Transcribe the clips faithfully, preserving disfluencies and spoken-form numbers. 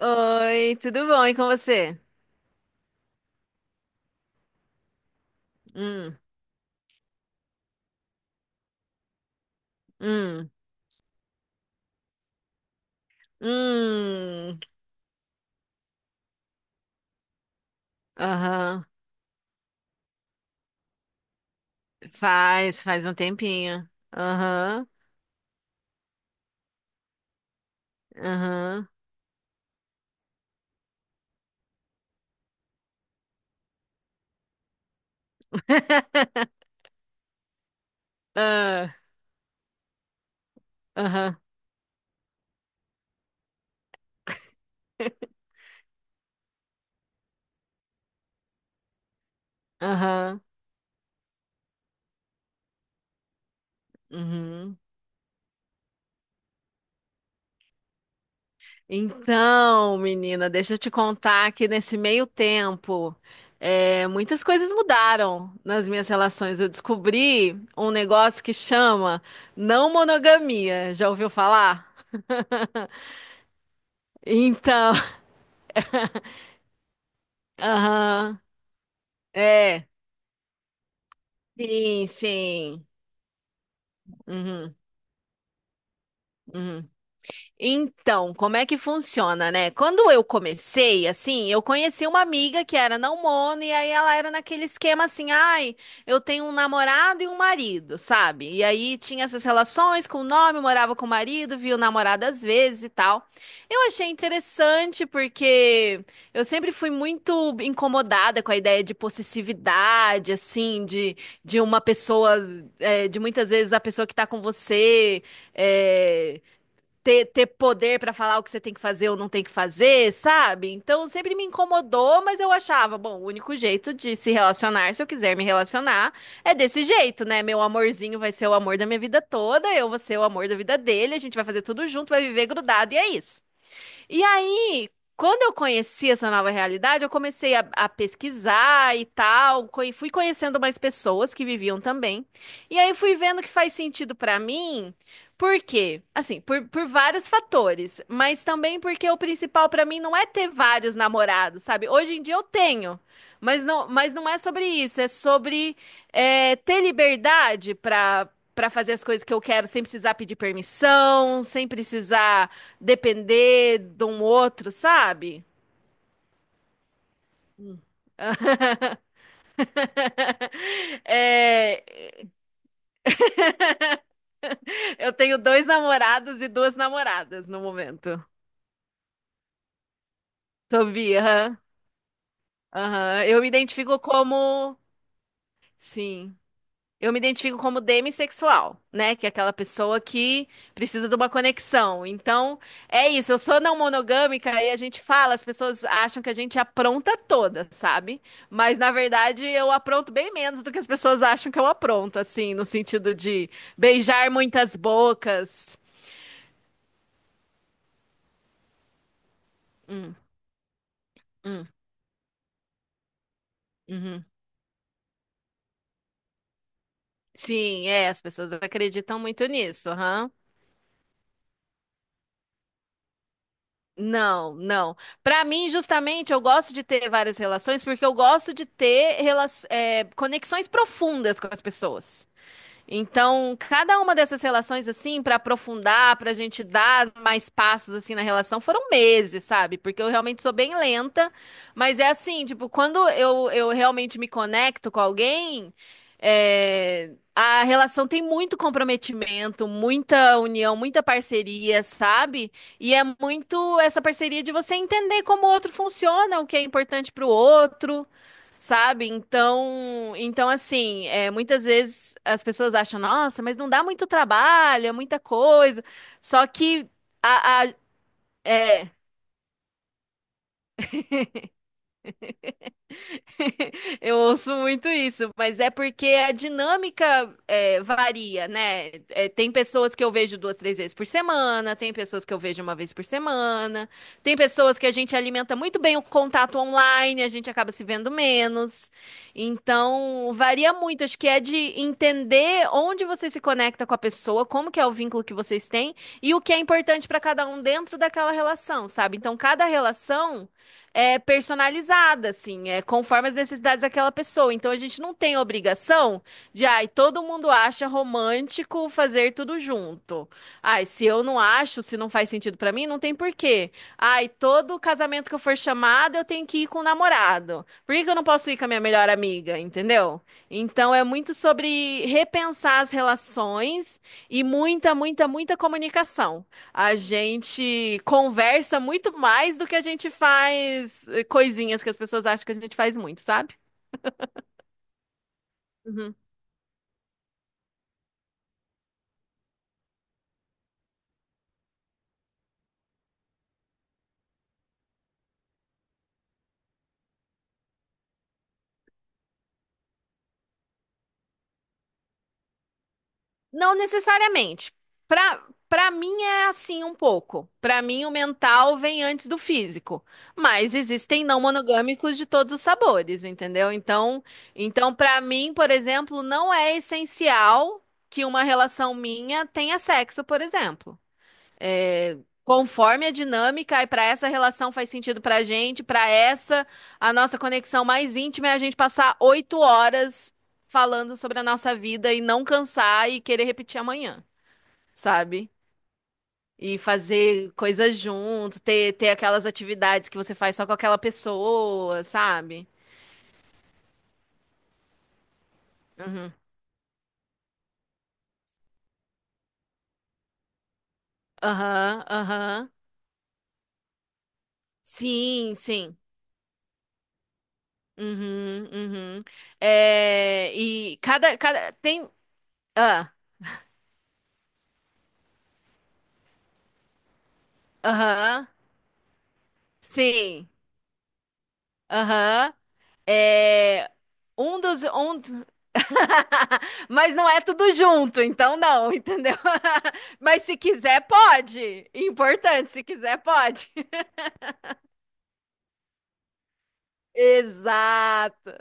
Oi, tudo bom? E com você? Hum, hum, hum. Aham. Faz, faz um tempinho. Aham, aham. Ah, aham, aham. Uhum. Então, menina, deixa eu te contar que nesse meio tempo, é, muitas coisas mudaram nas minhas relações. Eu descobri um negócio que chama não monogamia. Já ouviu falar? Então. Aham. É. Sim, sim. Uhum, uhum. Então, como é que funciona, né? Quando eu comecei, assim, eu conheci uma amiga que era mono e aí ela era naquele esquema assim, ai, eu tenho um namorado e um marido, sabe? E aí tinha essas relações com o nome, morava com o marido, via o namorado às vezes e tal. Eu achei interessante porque eu sempre fui muito incomodada com a ideia de possessividade, assim, de, de uma pessoa, é, de muitas vezes a pessoa que tá com você. É, ter, ter poder para falar o que você tem que fazer ou não tem que fazer, sabe? Então sempre me incomodou, mas eu achava, bom, o único jeito de se relacionar, se eu quiser me relacionar, é desse jeito, né? Meu amorzinho vai ser o amor da minha vida toda, eu vou ser o amor da vida dele, a gente vai fazer tudo junto, vai viver grudado e é isso. E aí, quando eu conheci essa nova realidade, eu comecei a, a pesquisar e tal, co- e fui conhecendo mais pessoas que viviam também. E aí fui vendo que faz sentido pra mim, por quê? Assim, por, por vários fatores, mas também porque o principal pra mim não é ter vários namorados, sabe? Hoje em dia eu tenho, mas não, mas não é sobre isso, é sobre é, ter liberdade pra para fazer as coisas que eu quero sem precisar pedir permissão, sem precisar depender de um outro, sabe? É, eu tenho dois namorados e duas namoradas no momento. Sou bi, aham. Aham. Eu me identifico como. Sim. Eu me identifico como demissexual, né? Que é aquela pessoa que precisa de uma conexão. Então, é isso. Eu sou não monogâmica e a gente fala, as pessoas acham que a gente apronta toda, sabe? Mas, na verdade, eu apronto bem menos do que as pessoas acham que eu apronto, assim, no sentido de beijar muitas bocas. Hum, hum, uhum. Sim, é, as pessoas acreditam muito nisso, aham. Não, não. Para mim, justamente, eu gosto de ter várias relações porque eu gosto de ter rela- é, conexões profundas com as pessoas. Então, cada uma dessas relações, assim, para aprofundar, para a gente dar mais passos, assim, na relação, foram meses, sabe? Porque eu realmente sou bem lenta, mas é assim, tipo, quando eu, eu realmente me conecto com alguém, é, a relação tem muito comprometimento, muita união, muita parceria, sabe? E é muito essa parceria de você entender como o outro funciona, o que é importante para o outro. Sabe? Então, então assim, é, muitas vezes as pessoas acham, nossa, mas não dá muito trabalho, é muita coisa. Só que a, a- é, Eu ouço muito isso, mas é porque a dinâmica é, varia, né? É, tem pessoas que eu vejo duas, três vezes por semana, tem pessoas que eu vejo uma vez por semana, tem pessoas que a gente alimenta muito bem o contato online, a gente acaba se vendo menos. Então, varia muito. Acho que é de entender onde você se conecta com a pessoa, como que é o vínculo que vocês têm e o que é importante para cada um dentro daquela relação, sabe? Então, cada relação é personalizada, assim, é conforme as necessidades daquela pessoa. Então a gente não tem obrigação de, ai, todo mundo acha romântico fazer tudo junto. Ai, se eu não acho, se não faz sentido pra mim, não tem porquê. Ai, todo casamento que eu for chamada, eu tenho que ir com o namorado. Por que que eu não posso ir com a minha melhor amiga, entendeu? Então é muito sobre repensar as relações e muita, muita, muita comunicação. A gente conversa muito mais do que a gente faz eh, coisinhas que as pessoas acham que a gente faz muito, sabe? Uhum. Não necessariamente. Pra, pra mim é assim um pouco. Pra mim o mental vem antes do físico. Mas existem não monogâmicos de todos os sabores, entendeu? Então, então para mim, por exemplo, não é essencial que uma relação minha tenha sexo, por exemplo. é, Conforme a dinâmica, e para essa relação faz sentido para a gente, para essa, a nossa conexão mais íntima é a gente passar oito horas falando sobre a nossa vida e não cansar e querer repetir amanhã, sabe? E fazer coisas junto, ter, ter aquelas atividades que você faz só com aquela pessoa, sabe? Uhum. Aham, aham. Sim, sim. Uhum, uhum. É, e cada, cada, tem, ah, aham. Sim. Aham. É um dos um Mas não é tudo junto, então não, entendeu? Mas se quiser, pode. Importante, se quiser, pode. Exato.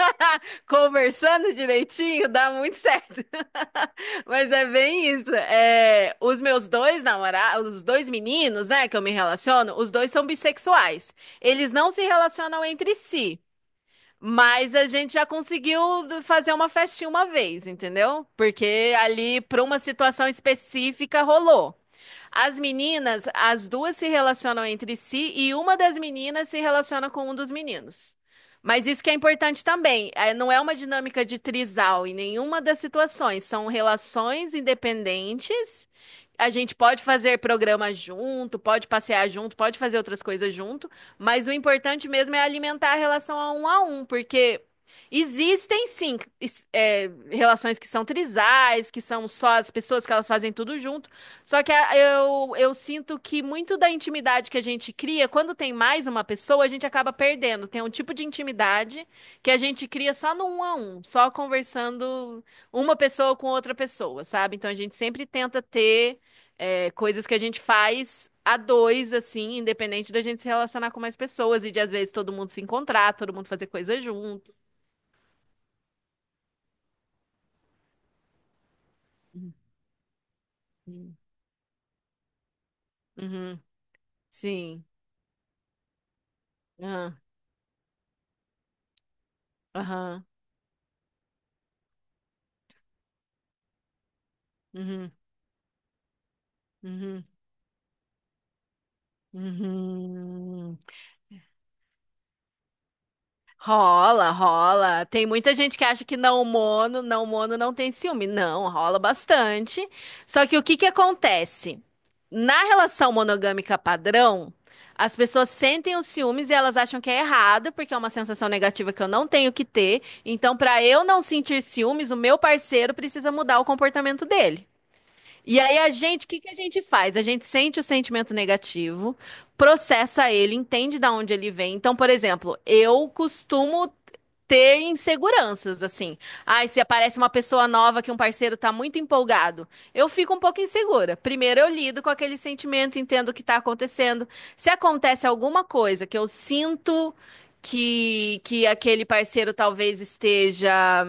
Conversando direitinho, dá muito certo. Mas é bem isso. É, os meus dois namorados, os dois meninos, né, que eu me relaciono, os dois são bissexuais. Eles não se relacionam entre si. Mas a gente já conseguiu d- fazer uma festinha uma vez, entendeu? Porque ali, para uma situação específica, rolou. As meninas, as duas se relacionam entre si e uma das meninas se relaciona com um dos meninos. Mas isso que é importante também, é, não é uma dinâmica de trisal em nenhuma das situações, são relações independentes. A gente pode fazer programa junto, pode passear junto, pode fazer outras coisas junto, mas o importante mesmo é alimentar a relação a um a um, porque existem sim es- é, relações que são trisais, que são só as pessoas que elas fazem tudo junto. Só que a- eu, eu sinto que muito da intimidade que a gente cria, quando tem mais uma pessoa, a gente acaba perdendo. Tem um tipo de intimidade que a gente cria só no um a um, só conversando uma pessoa com outra pessoa, sabe? Então a gente sempre tenta ter é, coisas que a gente faz a dois, assim, independente da gente se relacionar com mais pessoas e de às vezes todo mundo se encontrar, todo mundo fazer coisa junto. Uhum. Uhum. Sim. Aham. Aham. Uhum. Uhum. Uhum. Uhum. Rola, rola. Tem muita gente que acha que não mono, não mono não tem ciúme. Não, rola bastante. Só que o que que acontece? Na relação monogâmica padrão, as pessoas sentem os ciúmes e elas acham que é errado, porque é uma sensação negativa que eu não tenho que ter. Então, para eu não sentir ciúmes, o meu parceiro precisa mudar o comportamento dele. E aí a gente, o que que a gente faz? A gente sente o sentimento negativo, processa ele, entende de onde ele vem. Então, por exemplo, eu costumo ter inseguranças, assim. Ai, se aparece uma pessoa nova que um parceiro tá muito empolgado, eu fico um pouco insegura. Primeiro eu lido com aquele sentimento, entendo o que tá acontecendo. Se acontece alguma coisa que eu sinto que que aquele parceiro talvez esteja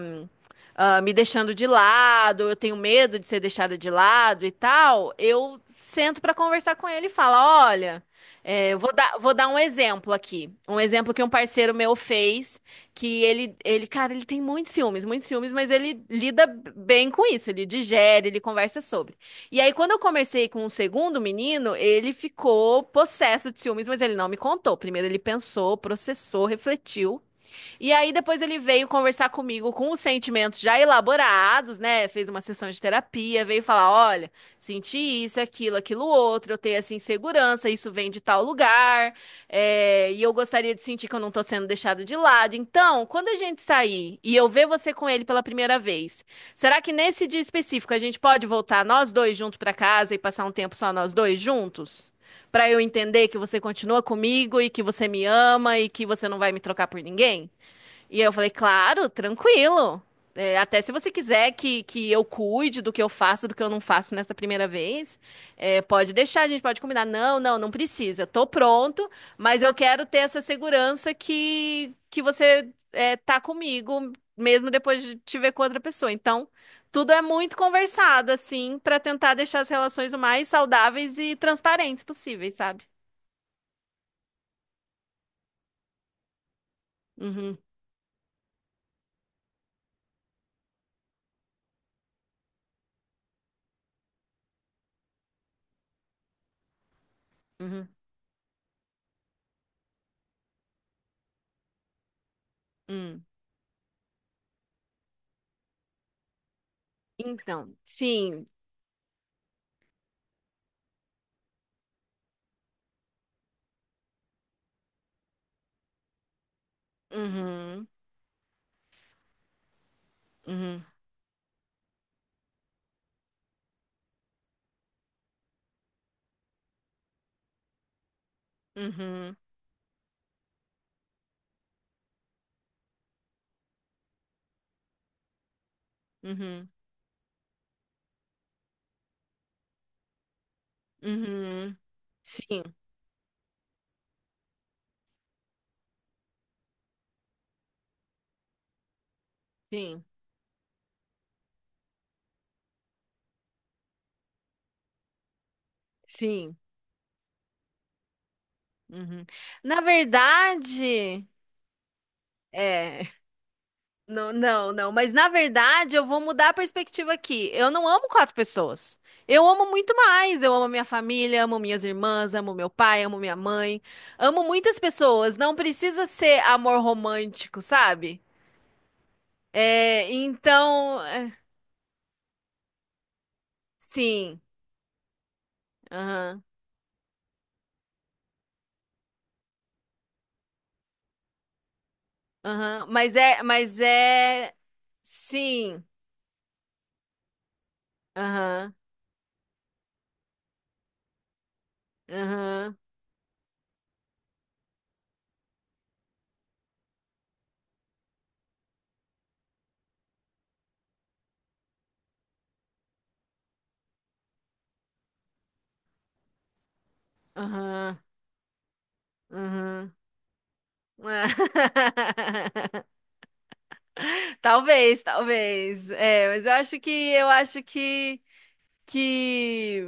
ah, me deixando de lado, eu tenho medo de ser deixada de lado e tal, eu sento para conversar com ele e falo, olha, é, eu vou dar, vou dar um exemplo aqui, um exemplo que um parceiro meu fez, que ele, ele, cara, ele tem muitos ciúmes, muitos ciúmes, mas ele lida bem com isso, ele digere, ele conversa sobre. E aí, quando eu comecei com o segundo menino, ele ficou possesso de ciúmes, mas ele não me contou. Primeiro ele pensou, processou, refletiu, e aí depois ele veio conversar comigo com os sentimentos já elaborados, né? Fez uma sessão de terapia, veio falar, olha, senti isso, aquilo, aquilo outro, eu tenho essa insegurança, isso vem de tal lugar, é, e eu gostaria de sentir que eu não tô sendo deixado de lado. Então, quando a gente sair e eu ver você com ele pela primeira vez, será que nesse dia específico a gente pode voltar nós dois juntos pra casa e passar um tempo só nós dois juntos? Pra eu entender que você continua comigo e que você me ama e que você não vai me trocar por ninguém? E eu falei, claro, tranquilo. É, até se você quiser que, que eu cuide do que eu faço, do que eu não faço nessa primeira vez, é, pode deixar, a gente pode combinar. Não, não, não precisa. Tô pronto, mas eu quero ter essa segurança que, que você é, tá comigo, mesmo depois de te ver com outra pessoa. Então, tudo é muito conversado, assim, pra tentar deixar as relações o mais saudáveis e transparentes possíveis, sabe? Uhum, uhum, uhum. Então, sim. Uhum, uhum. Uhum, uhum, uhum. Sim, sim, sim. Uhum. Na verdade, é. Não, não, não. Mas na verdade, eu vou mudar a perspectiva aqui. Eu não amo quatro pessoas. Eu amo muito mais. Eu amo minha família, amo minhas irmãs, amo meu pai, amo minha mãe. Amo muitas pessoas. Não precisa ser amor romântico, sabe? É, então, é, sim. Aham, aham. Mas é, mas é. Sim. Aham, aham, aham, aham. Talvez, talvez. É, mas eu acho que eu acho que que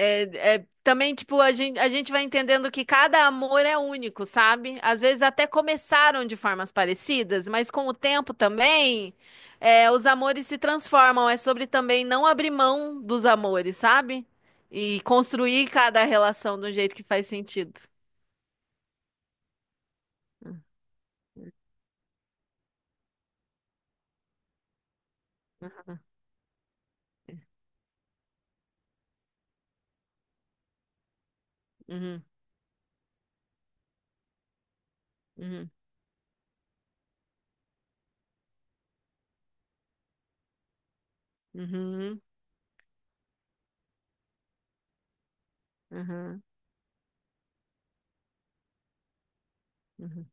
é, também tipo a gente, a gente vai entendendo que cada amor é único, sabe? Às vezes até começaram de formas parecidas, mas com o tempo também é, os amores se transformam. É sobre também não abrir mão dos amores, sabe? E construir cada relação de um jeito que faz sentido. Uhum. Uhum, uhum, uhum, uhum, uhum,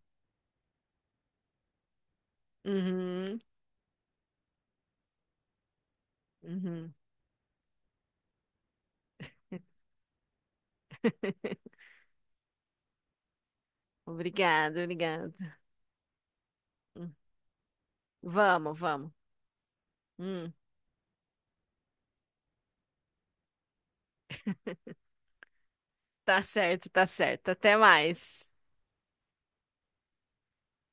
uhum, uhum. Obrigado, obrigado. Hum. Vamos, vamos. Hum, tá certo, tá certo. Até mais.